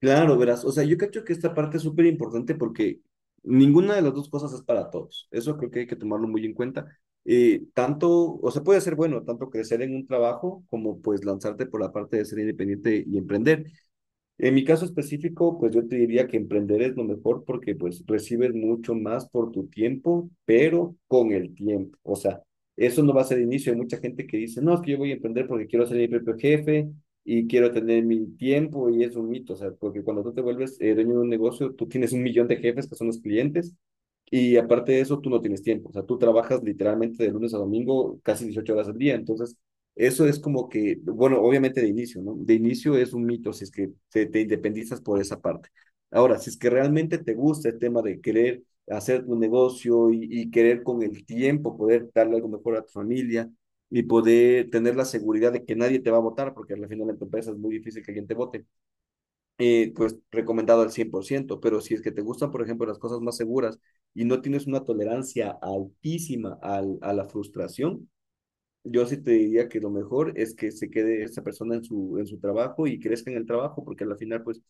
Claro, verás. O sea, yo cacho que esta parte es súper importante porque ninguna de las dos cosas es para todos. Eso creo que hay que tomarlo muy en cuenta. Tanto, o sea, puede ser bueno, tanto crecer en un trabajo como pues lanzarte por la parte de ser independiente y emprender. En mi caso específico, pues yo te diría que emprender es lo mejor porque pues recibes mucho más por tu tiempo, pero con el tiempo. O sea, eso no va a ser el inicio. Hay mucha gente que dice, no, es que yo voy a emprender porque quiero ser mi propio jefe y quiero tener mi tiempo y es un mito. O sea, porque cuando tú te vuelves dueño de un negocio, tú tienes un millón de jefes que son los clientes y aparte de eso, tú no tienes tiempo. O sea, tú trabajas literalmente de lunes a domingo casi 18 horas al día. Entonces, eso es como que, bueno, obviamente de inicio, ¿no? De inicio es un mito si es que te independizas por esa parte. Ahora, si es que realmente te gusta el tema de querer hacer tu negocio y querer con el tiempo poder darle algo mejor a tu familia y poder tener la seguridad de que nadie te va a votar, porque al final en tu empresa es muy difícil que alguien te vote, pues recomendado al 100%, pero si es que te gustan, por ejemplo, las cosas más seguras y no tienes una tolerancia altísima a la frustración, yo sí te diría que lo mejor es que se quede esa persona en su trabajo y crezca en el trabajo, porque al final, pues,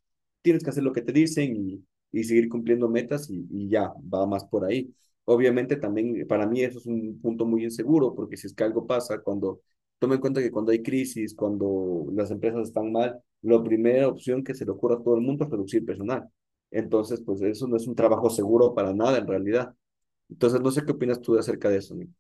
tienes que hacer lo que te dicen y seguir cumpliendo metas y ya, va más por ahí. Obviamente también para mí eso es un punto muy inseguro, porque si es que algo pasa, cuando, toma en cuenta que cuando hay crisis, cuando las empresas están mal, la primera opción que se le ocurre a todo el mundo es reducir personal. Entonces, pues eso no es un trabajo seguro para nada en realidad. Entonces, no sé qué opinas tú acerca de eso, Nico.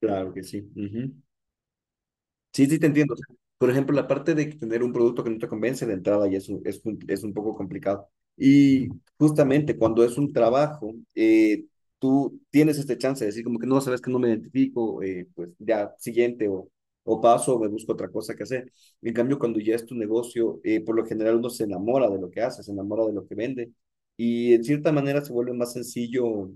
Claro que sí. Ujú. Sí, sí, te entiendo. O sea, por ejemplo, la parte de tener un producto que no te convence de entrada ya es un poco complicado. Y justamente cuando es un trabajo, tú tienes este chance de decir como que no, sabes que no me identifico, pues ya siguiente o paso o me busco otra cosa que hacer. En cambio, cuando ya es tu negocio, por lo general uno se enamora de lo que hace, se enamora de lo que vende y en cierta manera se vuelve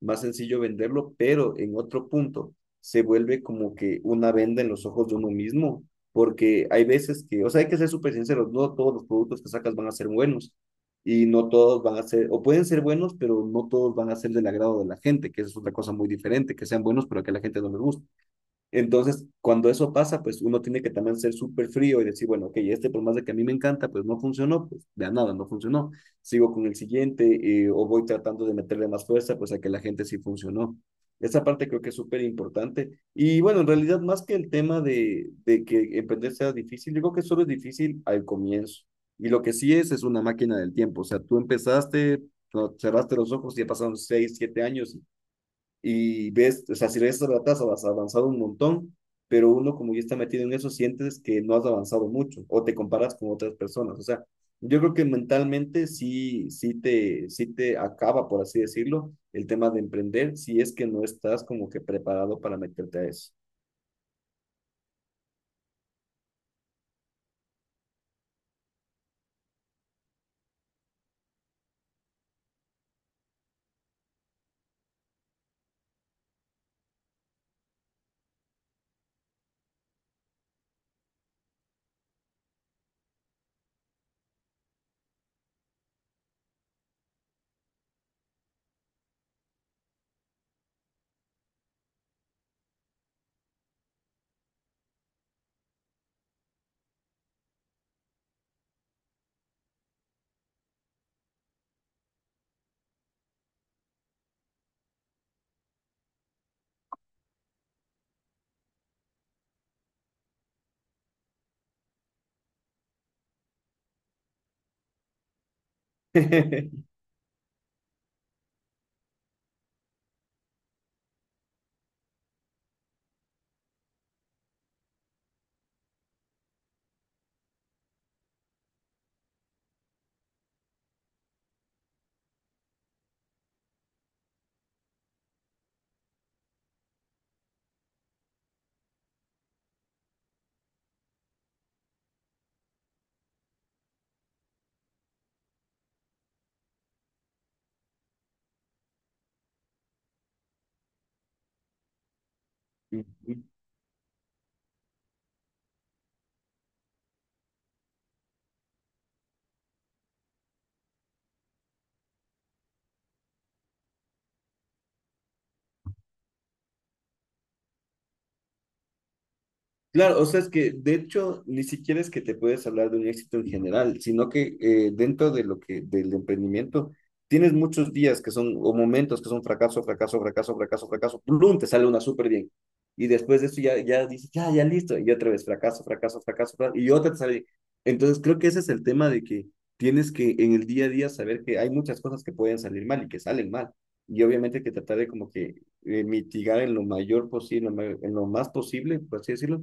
más sencillo venderlo, pero en otro punto se vuelve como que una venda en los ojos de uno mismo, porque hay veces que, o sea, hay que ser súper sinceros, no todos los productos que sacas van a ser buenos y no todos van a ser, o pueden ser buenos, pero no todos van a ser del agrado de la gente, que eso es otra cosa muy diferente, que sean buenos, pero que a la gente no les guste. Entonces, cuando eso pasa, pues uno tiene que también ser súper frío y decir, bueno, ok, este por más de que a mí me encanta, pues no funcionó, pues de a nada, no funcionó. Sigo con el siguiente, o voy tratando de meterle más fuerza, pues a que la gente sí funcionó. Esa parte creo que es súper importante. Y bueno, en realidad, más que el tema de que emprender sea difícil, yo creo que solo es difícil al comienzo. Y lo que sí es una máquina del tiempo. O sea, tú empezaste, no, cerraste los ojos y ya pasaron 6, 7 años y ves, o sea, si lees esas ratas has avanzado un montón, pero uno como ya está metido en eso, sientes que no has avanzado mucho o te comparas con otras personas. O sea, yo creo que mentalmente sí, sí te acaba, por así decirlo, el tema de emprender si es que no estás como que preparado para meterte a eso. Claro, o sea, es que de hecho ni siquiera es que te puedes hablar de un éxito en general, sino que dentro de lo que del emprendimiento tienes muchos días que son o momentos que son fracaso, fracaso, fracaso, fracaso, fracaso, plum, te sale una súper bien. Y después de eso ya, ya dices, ya, ya listo, y otra vez fracaso, fracaso, fracaso, fracaso, y otra te sale bien. Entonces creo que ese es el tema de que tienes que en el día a día saber que hay muchas cosas que pueden salir mal y que salen mal. Y obviamente que tratar de como que mitigar en lo mayor posible, en lo más posible, por así decirlo,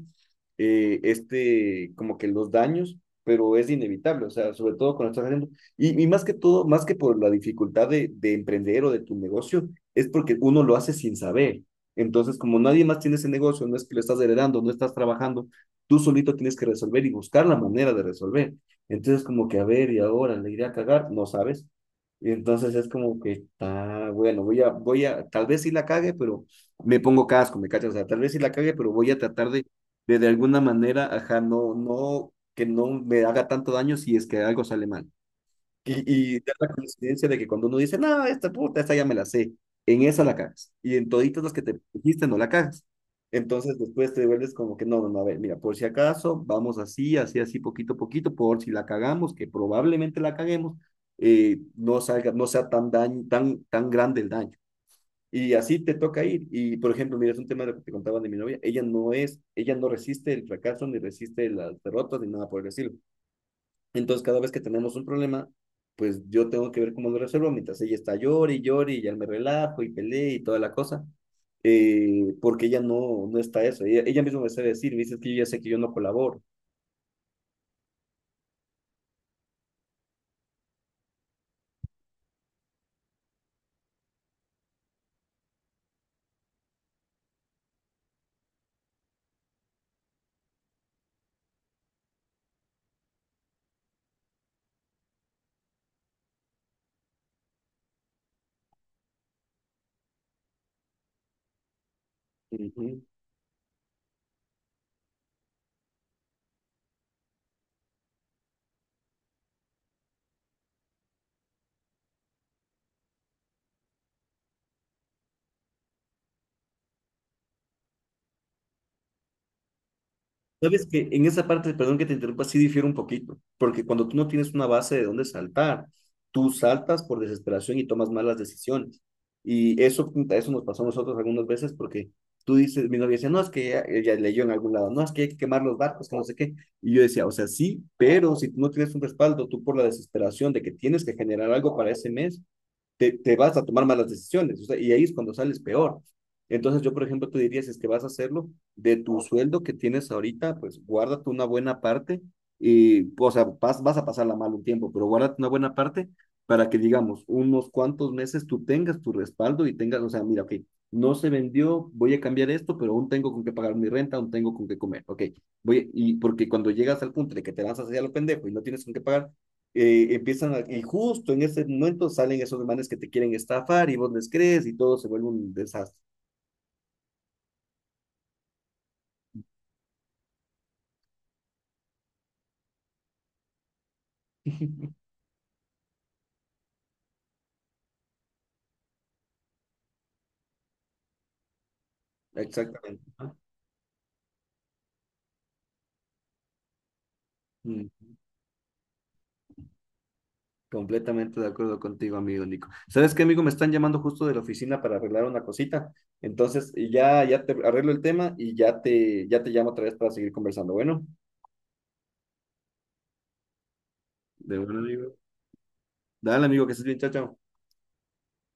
este, como que los daños, pero es inevitable, o sea, sobre todo cuando estás haciendo, y más que todo, más que por la dificultad de emprender o de tu negocio, es porque uno lo hace sin saber. Entonces, como nadie más tiene ese negocio, no es que lo estás heredando, no estás trabajando, tú solito tienes que resolver y buscar la manera de resolver. Entonces, como que, a ver, y ahora le iré a cagar, no sabes. Y entonces es como que está, bueno, tal vez sí la cague, pero me pongo casco, me cachas, o sea, tal vez sí la cague, pero voy a tratar de alguna manera, ajá, no, no, que no me haga tanto daño si es que algo sale mal. Y da la coincidencia de que cuando uno dice, no, esta puta, esta ya me la sé, en esa la cagas. Y en toditas las que te dijiste no la cagas. Entonces después te vuelves como que, no, no, no, a ver, mira, por si acaso, vamos así, así, así, poquito a poquito, por si la cagamos, que probablemente la caguemos, no salga, no sea tan daño, tan grande el daño. Y así te toca ir. Y por ejemplo, mira, es un tema de lo que te contaban de mi novia. Ella no resiste el fracaso, ni resiste las derrotas, ni nada por el estilo. Entonces, cada vez que tenemos un problema, pues yo tengo que ver cómo lo resuelvo, mientras ella está llore y llore y ya me relajo y peleé y toda la cosa. Porque ella no, no está eso. Ella misma me sabe decir, me dice que yo ya sé que yo no colaboro. Uh -huh. Sabes que en esa parte, perdón que te interrumpa, sí difiere un poquito, porque cuando tú no tienes una base de dónde saltar, tú saltas por desesperación y tomas malas decisiones. Y eso, puta, eso nos pasó a nosotros algunas veces porque tú dices, mi novia decía, no, es que ella leyó en algún lado, no, es que hay que quemar los barcos, que no sé qué. Y yo decía, o sea, sí, pero si tú no tienes un respaldo, tú por la desesperación de que tienes que generar algo para ese mes, te vas a tomar malas decisiones, o sea, y ahí es cuando sales peor. Entonces yo, por ejemplo, te diría, si es que vas a hacerlo, de tu sueldo que tienes ahorita, pues guárdate una buena parte y, o sea, vas a pasarla mal un tiempo, pero guárdate una buena parte para que, digamos, unos cuantos meses tú tengas tu respaldo y tengas, o sea, mira, ok, no se vendió, voy a cambiar esto, pero aún tengo con qué pagar mi renta, aún tengo con qué comer, ok, voy, y porque cuando llegas al punto de que te lanzas hacia lo pendejo y no tienes con qué pagar, empiezan a- y justo en ese momento salen esos hermanos que te quieren estafar y vos les crees y todo se vuelve un desastre. Exactamente. Ajá. Mm, completamente de acuerdo contigo, amigo Nico. ¿Sabes qué, amigo? Me están llamando justo de la oficina para arreglar una cosita. Entonces, y ya, ya te arreglo el tema y ya te llamo otra vez para seguir conversando. Bueno, de bueno, amigo. Dale, amigo, que estés bien, chao, chao.